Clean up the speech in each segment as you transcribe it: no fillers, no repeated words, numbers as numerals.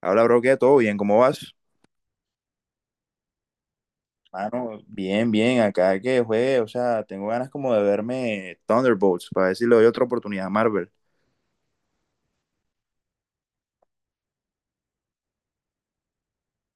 Habla, bro, qué todo bien, ¿cómo vas? Mano, bien, acá que juegue, o sea, tengo ganas como de verme Thunderbolts para ver si le doy otra oportunidad a Marvel.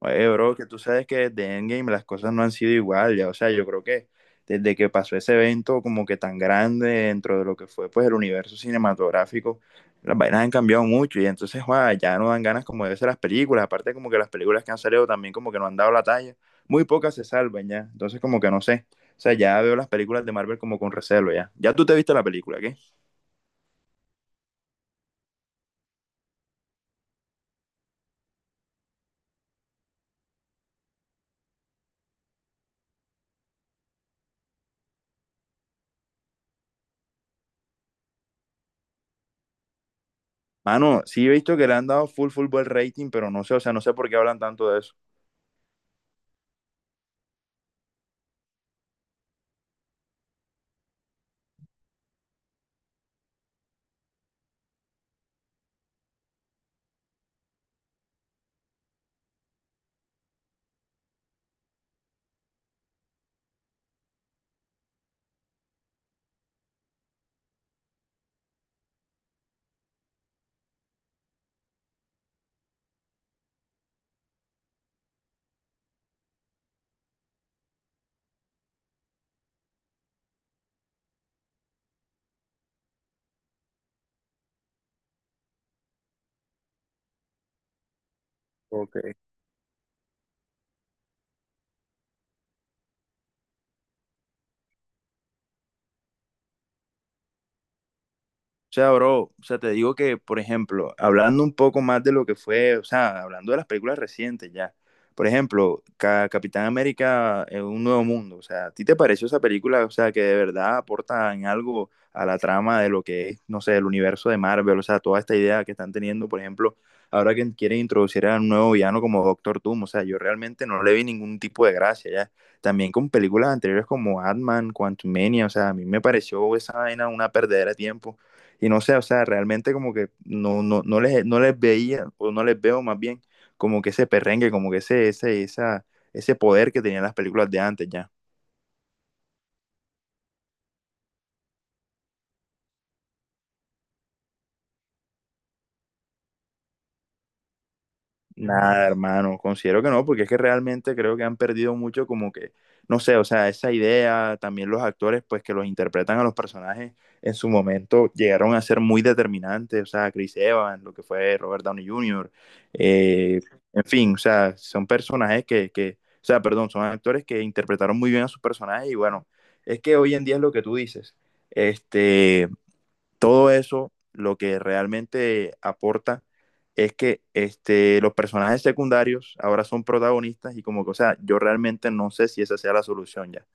Oye, bro, que tú sabes que desde Endgame las cosas no han sido igual, ya, o sea, yo creo que desde que pasó ese evento como que tan grande dentro de lo que fue pues el universo cinematográfico, las vainas han cambiado mucho y entonces, joda, ya no dan ganas como de hacer las películas, aparte como que las películas que han salido también como que no han dado la talla, muy pocas se salvan ya, entonces como que no sé, o sea, ya veo las películas de Marvel como con recelo ya, ya tú te viste la película, ¿qué? Mano, sí he visto que le han dado full buen rating, pero no sé, o sea, no sé por qué hablan tanto de eso. Ok. O sea, bro, o sea, te digo que, por ejemplo, hablando un poco más de lo que fue, o sea, hablando de las películas recientes ya, por ejemplo, Capitán América en un nuevo mundo, o sea, ¿a ti te pareció esa película, o sea, que de verdad aporta en algo a la trama de lo que es, no sé, el universo de Marvel, o sea, toda esta idea que están teniendo, por ejemplo, ahora que quieren introducir a un nuevo villano como Doctor Doom, o sea, yo realmente no le vi ningún tipo de gracia ya. También con películas anteriores como Ant-Man, Quantumania, o sea, a mí me pareció esa vaina una perdedera de tiempo y no sé, o sea, realmente como que no les veía, o no les veo más bien, como que ese perrengue, como que ese poder que tenían las películas de antes ya. Nada, hermano, considero que no, porque es que realmente creo que han perdido mucho como que, no sé, o sea, esa idea, también los actores, pues que los interpretan a los personajes en su momento llegaron a ser muy determinantes, o sea, Chris Evans, lo que fue Robert Downey Jr., eh, en fin, o sea, son personajes o sea, perdón, son actores que interpretaron muy bien a sus personajes y bueno, es que hoy en día es lo que tú dices, este todo eso lo que realmente aporta es que este, los personajes secundarios ahora son protagonistas y como que, o sea, yo realmente no sé si esa sea la solución ya.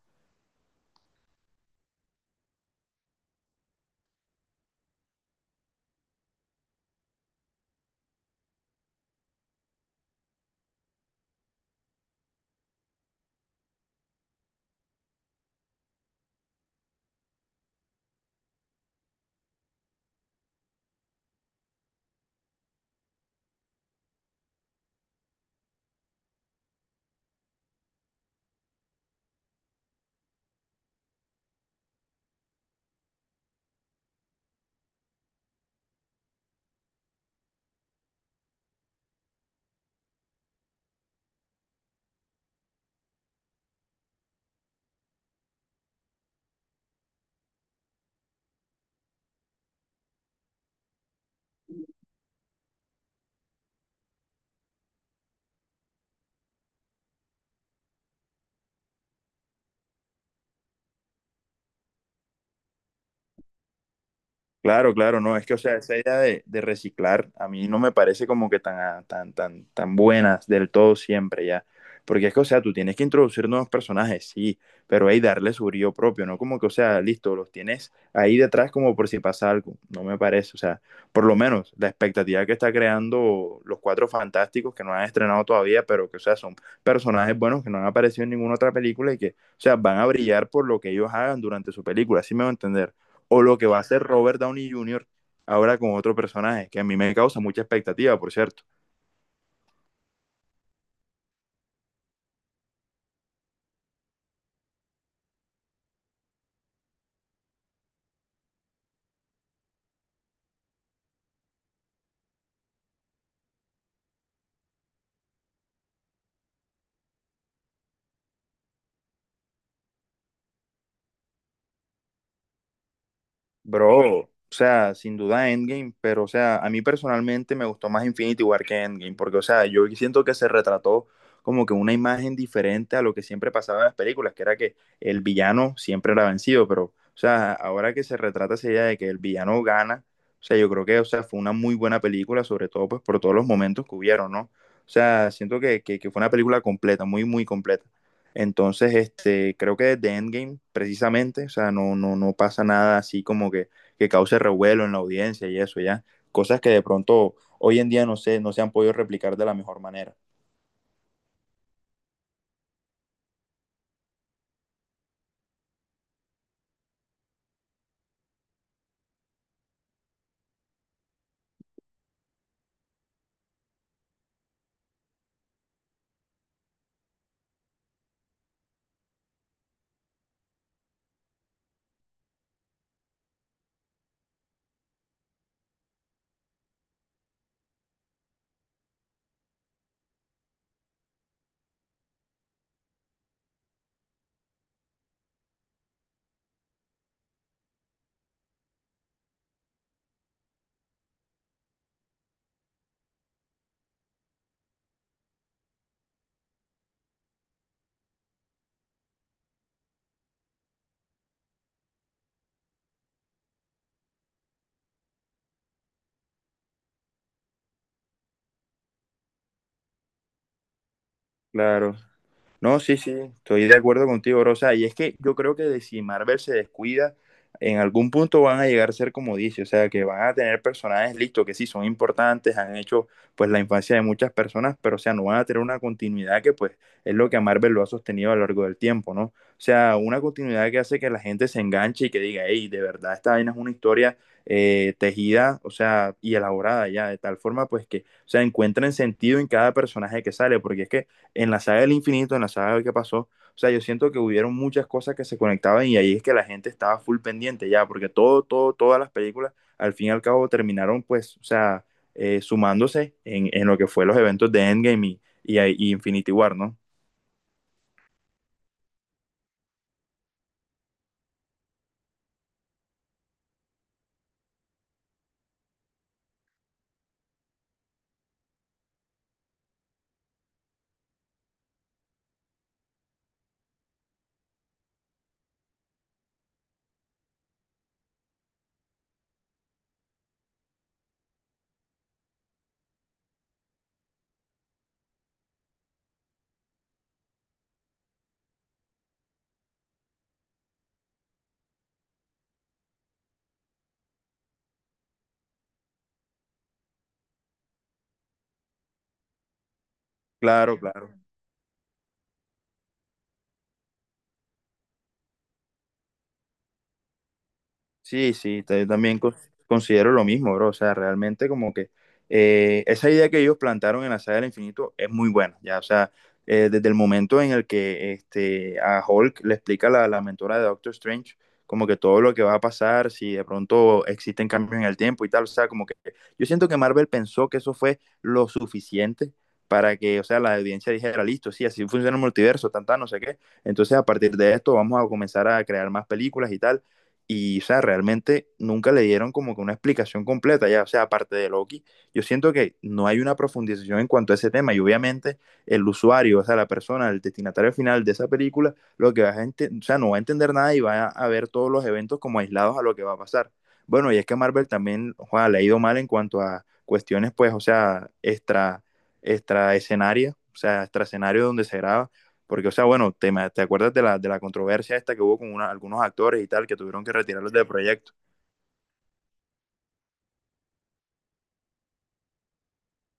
Claro, claro, no, es que, o sea, esa idea de reciclar a mí no me parece como que tan, ah, tan buenas del todo siempre ya. Porque es que, o sea, tú tienes que introducir nuevos personajes, sí, pero hay darle su brillo propio, ¿no? Como que, o sea, listo, los tienes ahí detrás como por si pasa algo, no me parece, o sea, por lo menos la expectativa que está creando los Cuatro Fantásticos que no han estrenado todavía, pero que, o sea, son personajes buenos que no han aparecido en ninguna otra película y que, o sea, van a brillar por lo que ellos hagan durante su película, así me va a entender o lo que va a hacer Robert Downey Jr. ahora con otro personaje, que a mí me causa mucha expectativa, por cierto. Bro, o sea, sin duda Endgame, pero o sea, a mí personalmente me gustó más Infinity War que Endgame, porque o sea, yo siento que se retrató como que una imagen diferente a lo que siempre pasaba en las películas, que era que el villano siempre era vencido, pero o sea, ahora que se retrata esa idea de que el villano gana, o sea, yo creo que, o sea, fue una muy buena película, sobre todo pues por todos los momentos que hubieron, ¿no? O sea, siento que fue una película completa, muy completa. Entonces, este, creo que desde Endgame, precisamente, o sea, no pasa nada así como que cause revuelo en la audiencia y eso, ya. Cosas que de pronto hoy en día no sé, no se han podido replicar de la mejor manera. Claro. No, sí, sí, estoy de acuerdo contigo, Rosa. Y es que yo creo que de si Marvel se descuida, en algún punto van a llegar a ser como dice, o sea, que van a tener personajes listos que sí son importantes, han hecho pues la infancia de muchas personas, pero o sea, no van a tener una continuidad que pues es lo que a Marvel lo ha sostenido a lo largo del tiempo, ¿no? O sea, una continuidad que hace que la gente se enganche y que diga, hey, de verdad esta vaina es una historia tejida, o sea, y elaborada ya, de tal forma pues que, o sea, encuentren sentido en cada personaje que sale, porque es que en la saga del infinito, en la saga de qué pasó. O sea, yo siento que hubieron muchas cosas que se conectaban y ahí es que la gente estaba full pendiente ya, porque todas las películas al fin y al cabo terminaron pues, o sea, sumándose en lo que fue los eventos de Endgame y Infinity War, ¿no? Claro, claro. Sí, sí, también considero lo mismo, bro. O sea, realmente como que esa idea que ellos plantaron en la saga del infinito es muy buena, ya. O sea, desde el momento en el que este, a Hulk le explica la mentora de Doctor Strange como que todo lo que va a pasar, si de pronto existen cambios en el tiempo y tal. O sea, como que yo siento que Marvel pensó que eso fue lo suficiente para que, o sea, la audiencia dijera, listo, sí, así funciona el multiverso, tan, no sé qué. Entonces, a partir de esto vamos a comenzar a crear más películas y tal. Y, o sea, realmente nunca le dieron como que una explicación completa, ya, o sea, aparte de Loki, yo siento que no hay una profundización en cuanto a ese tema y obviamente el usuario, o sea, la persona, el destinatario final de esa película, lo que va a, o sea, no va a entender nada y va a ver todos los eventos como aislados a lo que va a pasar. Bueno, y es que Marvel también, joda, le ha ido mal en cuanto a cuestiones, pues, o sea, extra escenario, o sea, extra escenario donde se graba porque, o sea, bueno, te acuerdas de de la controversia esta que hubo con algunos actores y tal, que tuvieron que retirarlos del proyecto.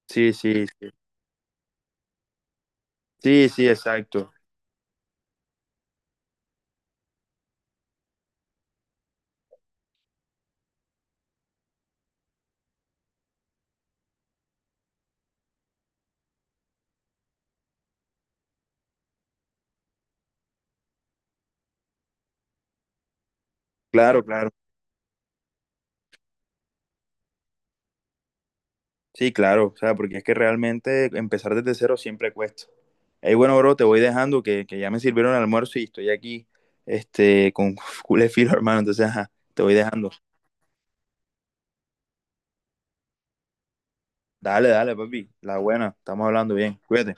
Sí, sí, sí. Sí, sí, exacto. Claro, claro. Sí, claro. O sea, porque es que realmente empezar desde cero siempre cuesta. Ey, bueno, bro, te voy dejando que ya me sirvieron el almuerzo y estoy aquí, este, con culé filo, hermano. Entonces, ajá, te voy dejando. Dale, dale, papi. La buena. Estamos hablando bien. Cuídate.